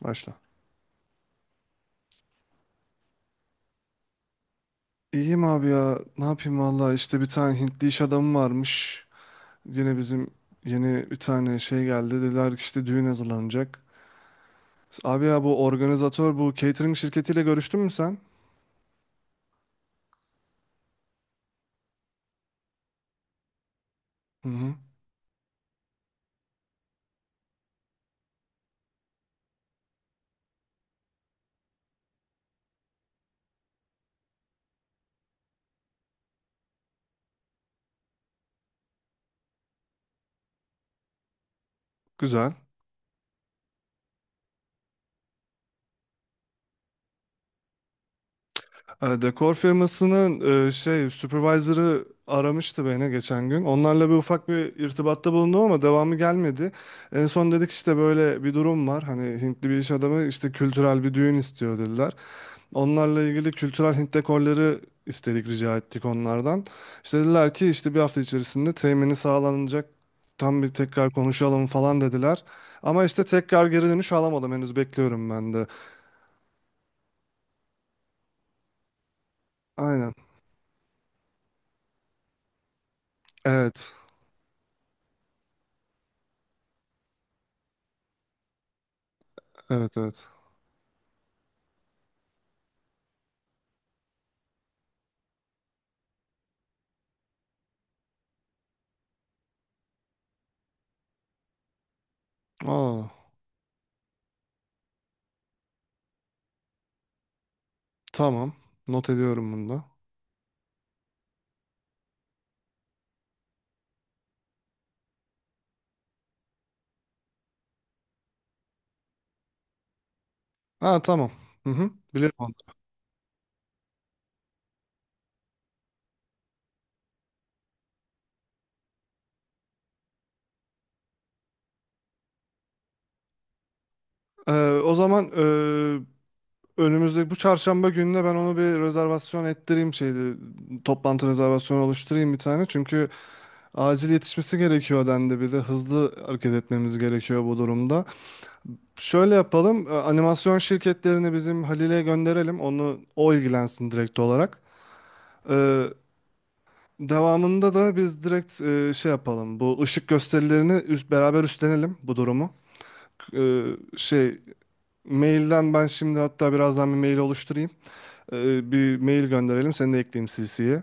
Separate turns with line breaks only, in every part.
Başla. İyiyim abi ya. Ne yapayım valla işte bir tane Hintli iş adamı varmış. Yine bizim yeni bir tane şey geldi. Dediler ki işte düğün hazırlanacak. Abi ya bu organizatör bu catering şirketiyle görüştün mü sen? Hı hı. Güzel. E, dekor firmasının şey supervisor'ı aramıştı beni geçen gün. Onlarla bir ufak bir irtibatta bulundum ama devamı gelmedi. En son dedik işte böyle bir durum var. Hani Hintli bir iş adamı işte kültürel bir düğün istiyor dediler. Onlarla ilgili kültürel Hint dekorları istedik, rica ettik onlardan. İşte dediler ki işte bir hafta içerisinde temini sağlanacak. Tam bir tekrar konuşalım falan dediler. Ama işte tekrar geri dönüş alamadım. Henüz bekliyorum ben de. Aynen. Evet. Evet evet. Aa, tamam. Not ediyorum bunu da. Ha tamam. Hı hı. Biliyorum onu. O zaman önümüzdeki bu çarşamba gününe ben onu bir rezervasyon ettireyim şeydi. Toplantı rezervasyonu oluşturayım bir tane. Çünkü acil yetişmesi gerekiyor dendi, bir de hızlı hareket etmemiz gerekiyor bu durumda. Şöyle yapalım, animasyon şirketlerini bizim Halil'e gönderelim. Onu o ilgilensin direkt olarak. Ee, devamında da biz direkt şey yapalım. Bu ışık gösterilerini beraber üstlenelim bu durumu. Ee, şey mailden ben şimdi hatta birazdan bir mail oluşturayım. Bir mail gönderelim. Seni de ekleyeyim CC'ye.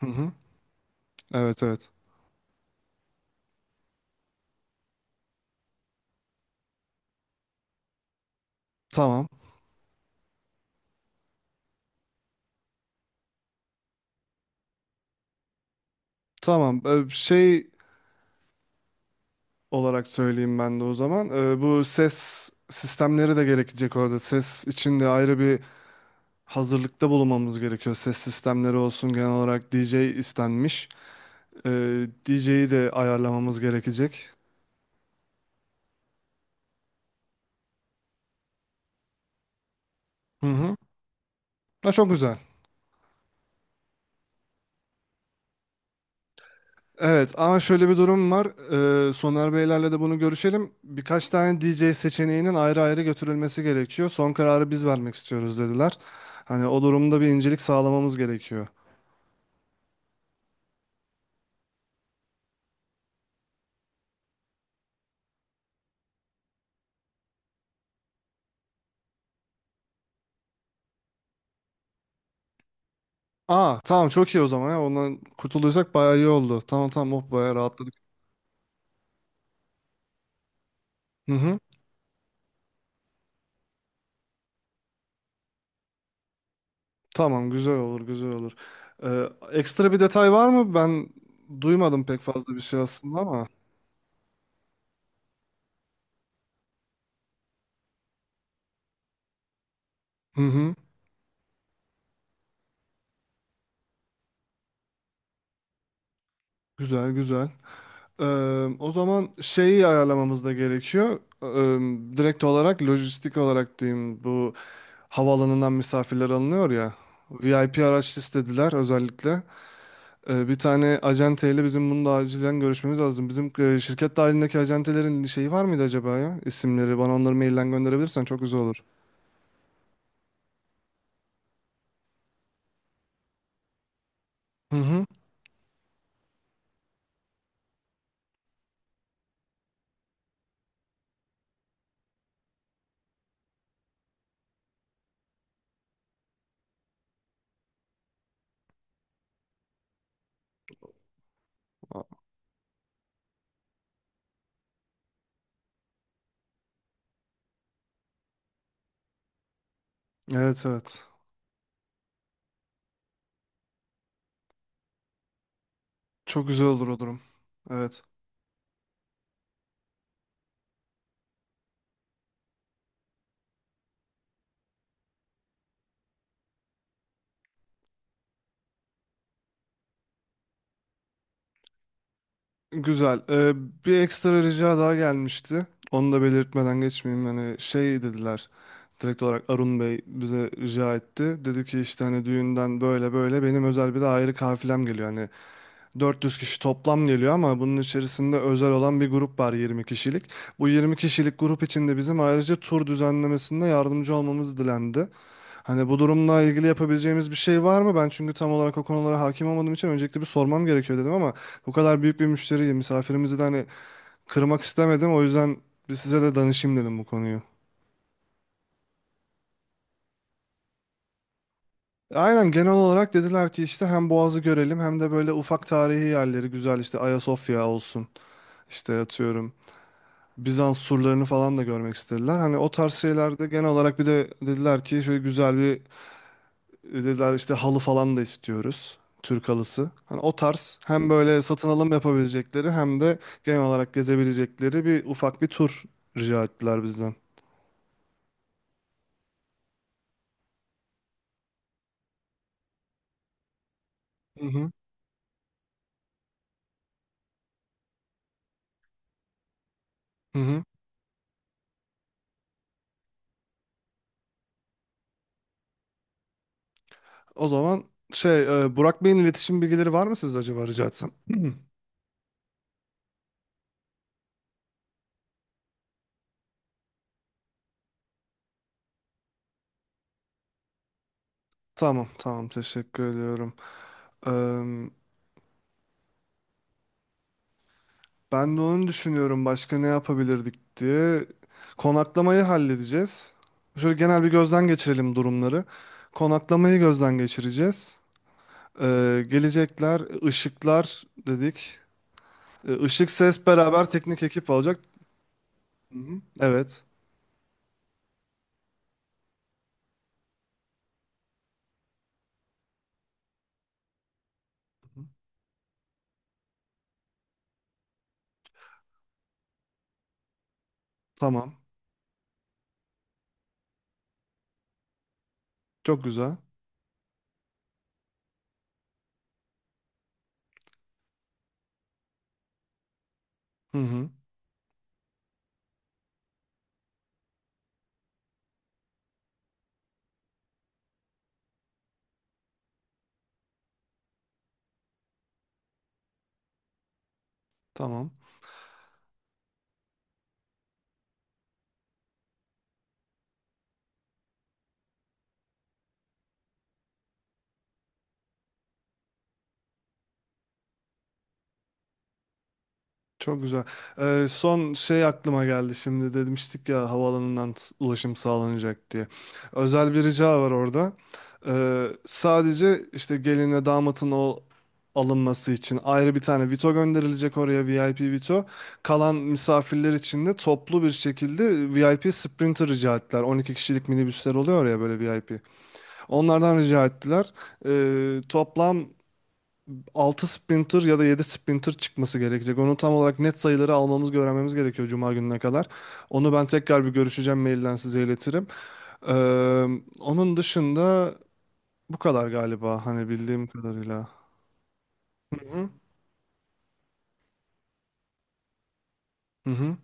Hı hı. Evet evet. Tamam. Tamam. Şey olarak söyleyeyim ben de o zaman. Bu ses sistemleri de gerekecek orada. Ses için de ayrı bir hazırlıkta bulunmamız gerekiyor. Ses sistemleri olsun, genel olarak DJ istenmiş. DJ'yi de ayarlamamız gerekecek. Hı hı. Ha, çok güzel. Evet, ama şöyle bir durum var. Soner Beylerle de bunu görüşelim. Birkaç tane DJ seçeneğinin ayrı ayrı götürülmesi gerekiyor. Son kararı biz vermek istiyoruz dediler. Hani o durumda bir incelik sağlamamız gerekiyor. Aa, tamam, çok iyi o zaman ya. Ondan kurtulduysak bayağı iyi oldu. Tamam, tamam, oh, bayağı rahatladık. Hı hı. Tamam, güzel olur, güzel olur. Ekstra bir detay var mı? Ben duymadım pek fazla bir şey aslında ama. Hı hı. Güzel, güzel. Ee, o zaman şeyi ayarlamamız da gerekiyor. Direkt olarak lojistik olarak diyeyim, bu havaalanından misafirler alınıyor ya. VIP araç istediler özellikle. Bir tane acenteyle bizim bunu da acilen görüşmemiz lazım. Bizim şirket dahilindeki acentelerin şeyi var mıydı acaba ya? İsimleri, bana onları mailden gönderebilirsen çok güzel olur. Hı hı. A- Evet, evet. Çok güzel olur o durum. Evet. Güzel. Bir ekstra rica daha gelmişti. Onu da belirtmeden geçmeyeyim. Hani şey dediler. Direkt olarak Arun Bey bize rica etti. Dedi ki işte hani düğünden böyle böyle benim özel bir de ayrı kafilem geliyor. Hani 400 kişi toplam geliyor ama bunun içerisinde özel olan bir grup var, 20 kişilik. Bu 20 kişilik grup içinde bizim ayrıca tur düzenlemesinde yardımcı olmamız dilendi. Hani bu durumla ilgili yapabileceğimiz bir şey var mı? Ben çünkü tam olarak o konulara hakim olmadığım için öncelikle bir sormam gerekiyor dedim ama bu kadar büyük bir müşteriyi, misafirimizi de hani kırmak istemedim. O yüzden bir size de danışayım dedim bu konuyu. Aynen, genel olarak dediler ki işte hem Boğaz'ı görelim hem de böyle ufak tarihi yerleri, güzel işte, Ayasofya olsun, işte atıyorum Bizans surlarını falan da görmek istediler. Hani o tarz şeylerde genel olarak, bir de dediler ki şöyle güzel bir, dediler işte halı falan da istiyoruz. Türk halısı. Hani o tarz, hem böyle satın alım yapabilecekleri hem de genel olarak gezebilecekleri bir ufak bir tur rica ettiler bizden. Hı hı. Hı hı. O zaman şey, Burak Bey'in iletişim bilgileri var mı sizde acaba, rica etsem? Hı. Tamam, tamam, teşekkür ediyorum. Ben de onu düşünüyorum, başka ne yapabilirdik diye. Konaklamayı halledeceğiz. Şöyle genel bir gözden geçirelim durumları. Konaklamayı gözden geçireceğiz. Gelecekler, ışıklar dedik. Işık, ses beraber teknik ekip olacak. Hı hı. Evet, tamam. Çok güzel. Hı hı. Tamam. Çok güzel. Son şey aklıma geldi şimdi, demiştik ya havaalanından ulaşım sağlanacak diye. Özel bir rica var orada. Sadece işte gelin ve damatın o alınması için ayrı bir tane Vito gönderilecek oraya, VIP Vito. Kalan misafirler için de toplu bir şekilde VIP Sprinter rica ettiler. 12 kişilik minibüsler oluyor ya böyle, VIP. Onlardan rica ettiler. Toplam altı sprinter ya da 7 sprinter çıkması gerekecek. Onu tam olarak, net sayıları almamız, öğrenmemiz gerekiyor Cuma gününe kadar. Onu ben tekrar bir görüşeceğim, mailden size iletirim. Ee, onun dışında bu kadar galiba, hani bildiğim kadarıyla. Hı hı. Hı hı.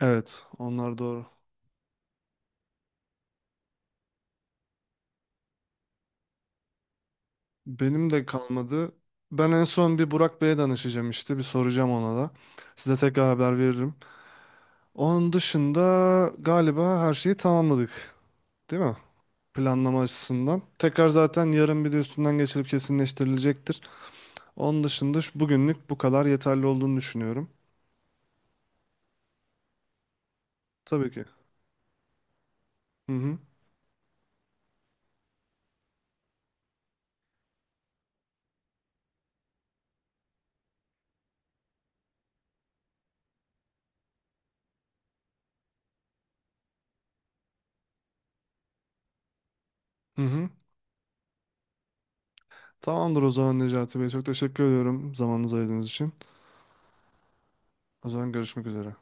Evet, onlar doğru. Benim de kalmadı. Ben en son bir Burak Bey'e danışacağım işte. Bir soracağım ona da. Size tekrar haber veririm. Onun dışında galiba her şeyi tamamladık. Değil mi? Planlama açısından. Tekrar zaten yarın bir de üstünden geçilip kesinleştirilecektir. Onun dışında bugünlük bu kadar yeterli olduğunu düşünüyorum. Tabii ki. Hı hı. Hı hı. Tamamdır o zaman Necati Bey. Çok teşekkür ediyorum zamanınızı ayırdığınız için. O zaman görüşmek üzere.